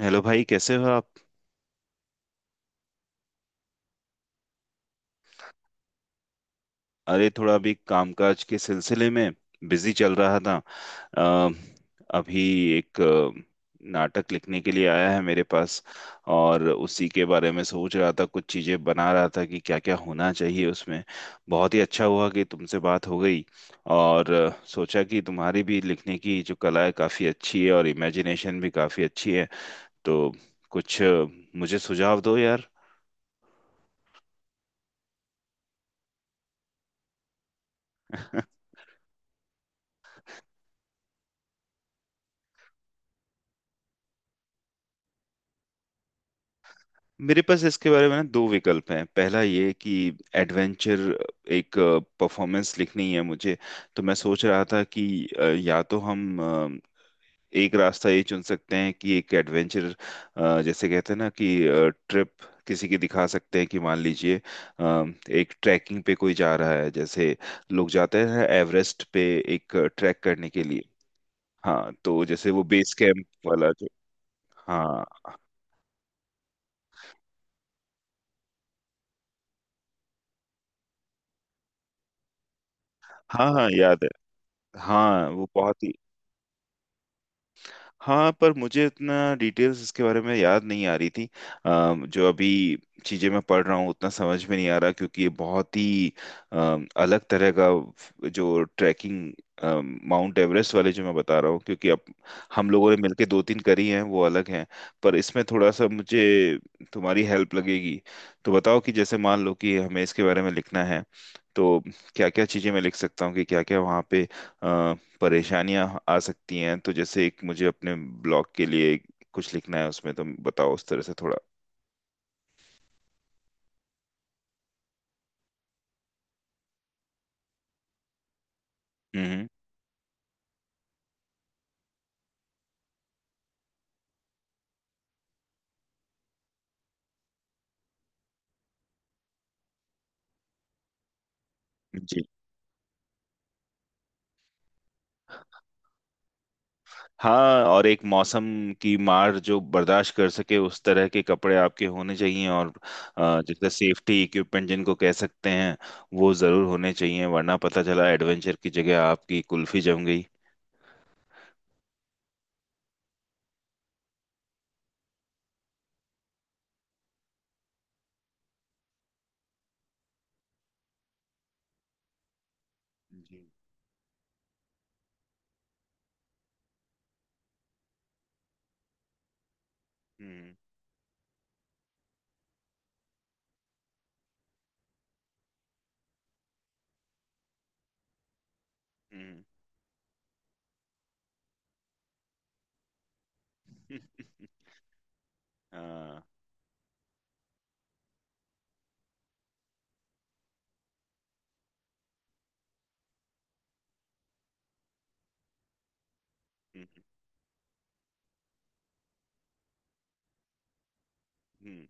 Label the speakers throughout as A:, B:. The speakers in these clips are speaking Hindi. A: हेलो भाई, कैसे हो आप। अरे थोड़ा अभी कामकाज के सिलसिले में बिजी चल रहा था। अ, अभी एक नाटक लिखने के लिए आया है मेरे पास, और उसी के बारे में सोच रहा था, कुछ चीजें बना रहा था कि क्या क्या होना चाहिए उसमें। बहुत ही अच्छा हुआ कि तुमसे बात हो गई, और सोचा कि तुम्हारी भी लिखने की जो कला है काफी अच्छी है और इमेजिनेशन भी काफी अच्छी है। तो कुछ मुझे सुझाव दो यार। मेरे पास इसके बारे में ना दो विकल्प हैं। पहला ये कि एडवेंचर, एक परफॉर्मेंस लिखनी है मुझे। तो मैं सोच रहा था कि या तो हम एक रास्ता ये चुन सकते हैं कि एक एडवेंचर, जैसे कहते हैं ना कि ट्रिप किसी की दिखा सकते हैं। कि मान लीजिए अ, एक ट्रैकिंग पे कोई जा रहा है, जैसे लोग जाते हैं एवरेस्ट पे एक ट्रैक करने के लिए। हाँ, तो जैसे वो बेस कैंप वाला जो। हाँ हाँ, हाँ याद है। हाँ वो बहुत ही। हाँ, पर मुझे इतना डिटेल्स इसके बारे में याद नहीं आ रही थी। जो अभी चीजें मैं पढ़ रहा हूँ उतना समझ में नहीं आ रहा, क्योंकि ये बहुत ही अलग तरह का जो ट्रैकिंग माउंट एवरेस्ट वाले जो मैं बता रहा हूँ, क्योंकि अब हम लोगों ने मिलके दो तीन करी हैं वो अलग हैं। पर इसमें थोड़ा सा मुझे तुम्हारी हेल्प लगेगी। तो बताओ कि जैसे मान लो कि हमें इसके बारे में लिखना है तो क्या क्या चीजें मैं लिख सकता हूँ, कि क्या क्या वहाँ पे परेशानियां आ सकती हैं। तो जैसे एक मुझे अपने ब्लॉग के लिए कुछ लिखना है, उसमें तुम बताओ उस तरह से थोड़ा। हम्म। जी। हाँ और एक मौसम की मार जो बर्दाश्त कर सके उस तरह के कपड़े आपके होने चाहिए, और जैसे सेफ्टी इक्विपमेंट जिनको कह सकते हैं वो जरूर होने चाहिए, वरना पता चला एडवेंचर की जगह आपकी कुल्फी जम गई। जी। हम्म। हम्म। हाँ। हम्म, हम्म।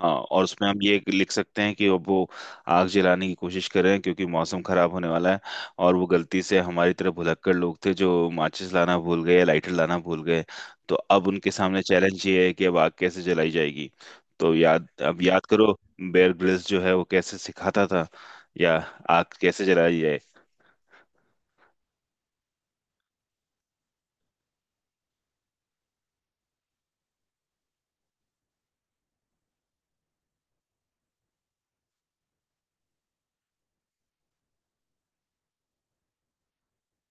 A: हाँ और उसमें हम ये लिख सकते हैं कि अब वो आग जलाने की कोशिश कर रहे हैं क्योंकि मौसम खराब होने वाला है। और वो गलती से हमारी तरह भुलक्कड़ लोग थे जो माचिस लाना भूल गए, लाइटर लाना भूल गए। तो अब उनके सामने चैलेंज ये है कि अब आग कैसे जलाई जाएगी। तो याद अब याद करो बेयर ग्रिल्स जो है वो कैसे सिखाता था, या आग कैसे जलाई जाए।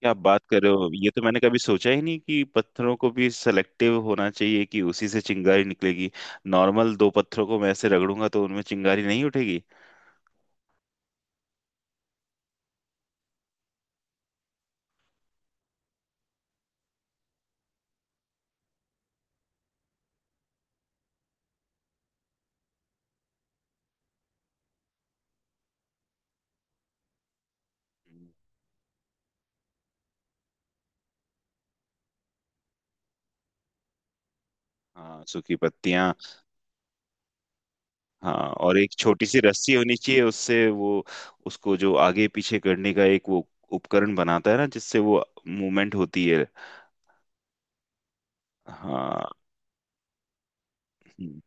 A: क्या आप बात कर रहे हो! ये तो मैंने कभी सोचा ही नहीं कि पत्थरों को भी सेलेक्टिव होना चाहिए कि उसी से चिंगारी निकलेगी। नॉर्मल दो पत्थरों को मैं ऐसे रगड़ूंगा तो उनमें चिंगारी नहीं उठेगी। हाँ, सूखी पत्तियां। हाँ, और एक छोटी सी रस्सी होनी चाहिए उससे वो, उसको जो आगे पीछे करने का एक वो उपकरण बनाता है ना, जिससे वो मूवमेंट होती है। हाँ। हम्म।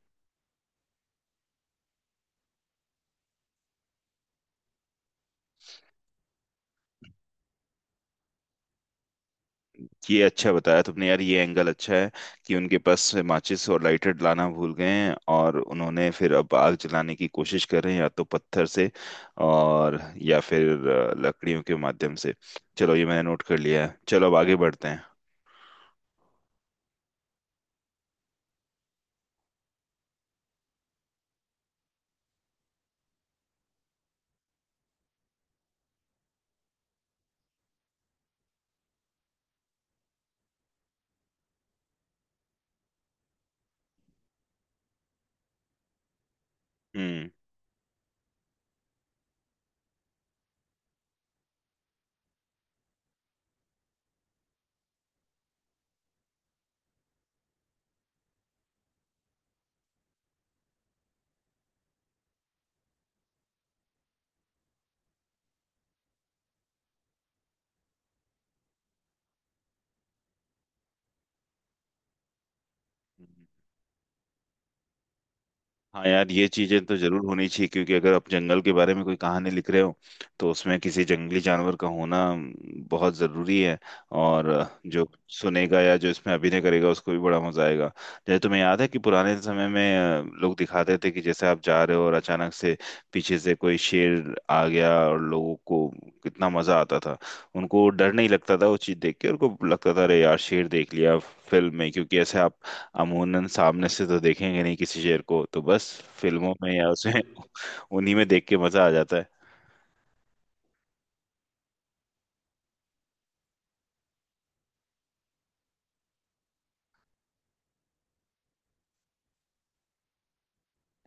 A: ये अच्छा बताया तुमने यार, ये एंगल अच्छा है, कि उनके पास से माचिस और लाइटर लाना भूल गए हैं और उन्होंने फिर अब आग जलाने की कोशिश कर रहे हैं, या तो पत्थर से और, या फिर लकड़ियों के माध्यम से। चलो ये मैंने नोट कर लिया है, चलो अब आगे बढ़ते हैं। हम्म। हाँ यार, ये चीजें तो जरूर होनी चाहिए क्योंकि अगर आप जंगल के बारे में कोई कहानी लिख रहे हो तो उसमें किसी जंगली जानवर का होना बहुत जरूरी है। और जो सुनेगा या जो इसमें अभिनय करेगा उसको भी बड़ा मजा आएगा। जैसे तुम्हें याद है कि पुराने समय में लोग दिखाते थे कि जैसे आप जा रहे हो और अचानक से पीछे से कोई शेर आ गया, और लोगों को कितना मजा आता था। उनको डर नहीं लगता था, वो चीज देख के उनको लगता था अरे यार शेर देख लिया फिल्म में, क्योंकि ऐसे आप अमूनन सामने से तो देखेंगे नहीं किसी शेर को, तो बस फिल्मों में या उसमें उन्हीं में देख के मजा आ जाता है।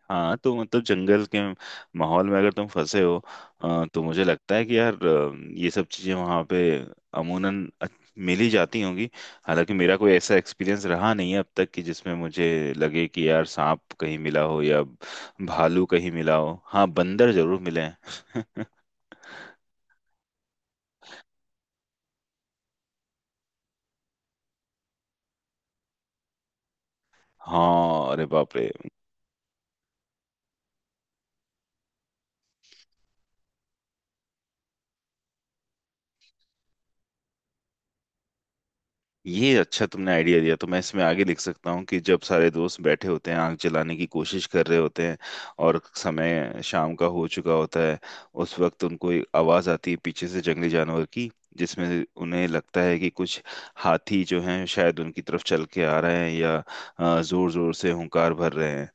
A: हाँ तो मतलब जंगल के माहौल में अगर तुम फंसे हो तो मुझे लगता है कि यार ये सब चीजें वहाँ पे अमूनन मिल ही जाती होंगी। हालांकि मेरा कोई ऐसा एक्सपीरियंस रहा नहीं है अब तक कि जिसमें मुझे लगे कि यार सांप कहीं मिला हो या भालू कहीं मिला हो। हाँ, बंदर जरूर मिले हैं। हाँ, अरे बाप रे। ये अच्छा तुमने आइडिया दिया, तो मैं इसमें आगे लिख सकता हूँ कि जब सारे दोस्त बैठे होते हैं आग जलाने की कोशिश कर रहे होते हैं और समय शाम का हो चुका होता है, उस वक्त उनको एक आवाज़ आती है पीछे से जंगली जानवर की, जिसमें उन्हें लगता है कि कुछ हाथी जो हैं शायद उनकी तरफ चल के आ रहे हैं या ज़ोर ज़ोर से हुंकार भर रहे हैं।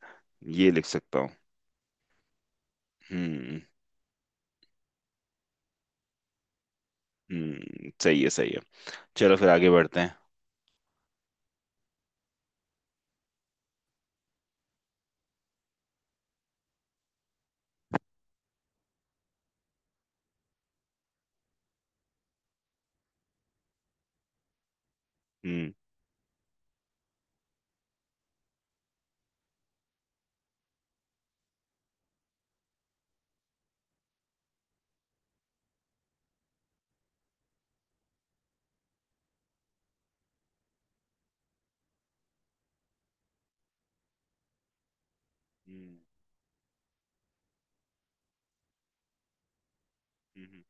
A: ये लिख सकता हूँ। हम्म। हम्म, सही है, सही है। चलो फिर आगे बढ़ते हैं। हम्म। हम्म, हम्म, हम्म।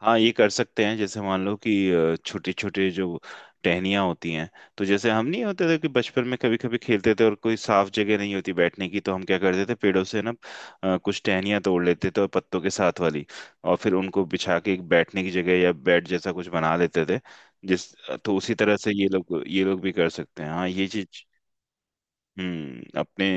A: हाँ ये कर सकते हैं। जैसे मान लो कि छोटे छोटे जो टहनियाँ होती हैं, तो जैसे हम नहीं होते थे कि बचपन में कभी कभी खेलते थे और कोई साफ जगह नहीं होती बैठने की, तो हम क्या करते थे पेड़ों से ना कुछ टहनियाँ तोड़ लेते थे, और पत्तों के साथ वाली, और फिर उनको बिछा के एक बैठने की जगह या बेड जैसा कुछ बना लेते थे जिस। तो उसी तरह से ये लोग भी कर सकते हैं, हाँ ये चीज। हम्म, अपने।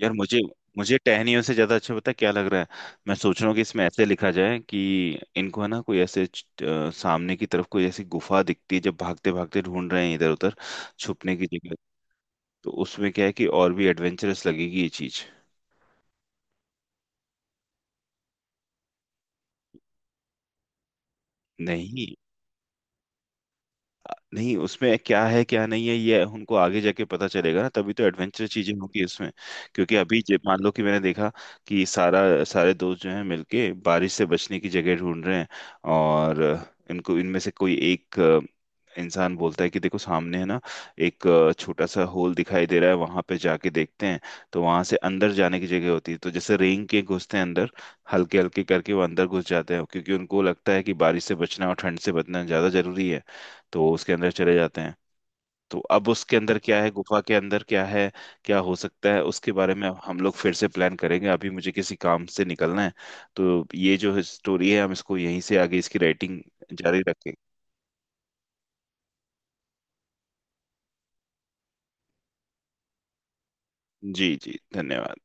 A: यार मुझे मुझे टहनियों से ज्यादा अच्छा पता है क्या लग रहा है। मैं सोच रहा हूँ कि इसमें ऐसे लिखा जाए कि इनको है ना कोई ऐसे सामने की तरफ कोई ऐसी गुफा दिखती है, जब भागते भागते ढूंढ रहे हैं इधर उधर छुपने की जगह। तो उसमें क्या है कि और भी एडवेंचरस लगेगी ये चीज। नहीं, नहीं उसमें क्या है क्या नहीं है ये उनको आगे जाके पता चलेगा ना, तभी तो एडवेंचर चीजें होंगी उसमें। क्योंकि अभी मान लो कि मैंने देखा कि सारा सारे दोस्त जो हैं मिलके बारिश से बचने की जगह ढूंढ रहे हैं, और इनको इनमें से कोई एक इंसान बोलता है कि देखो सामने है ना, एक छोटा सा होल दिखाई दे रहा है, वहां पे जाके देखते हैं। तो वहां से अंदर जाने की जगह होती है, तो जैसे रेंग के घुसते हैं अंदर, हल्के हल्के करके वो अंदर घुस जाते हैं, क्योंकि उनको लगता है कि बारिश से बचना और ठंड से बचना ज्यादा जरूरी है। तो उसके अंदर चले जाते हैं। तो अब उसके अंदर क्या है, गुफा के अंदर क्या है, क्या हो सकता है, उसके बारे में हम लोग फिर से प्लान करेंगे। अभी मुझे किसी काम से निकलना है। तो ये जो स्टोरी है हम इसको यहीं से आगे इसकी राइटिंग जारी रखेंगे। जी जी, धन्यवाद।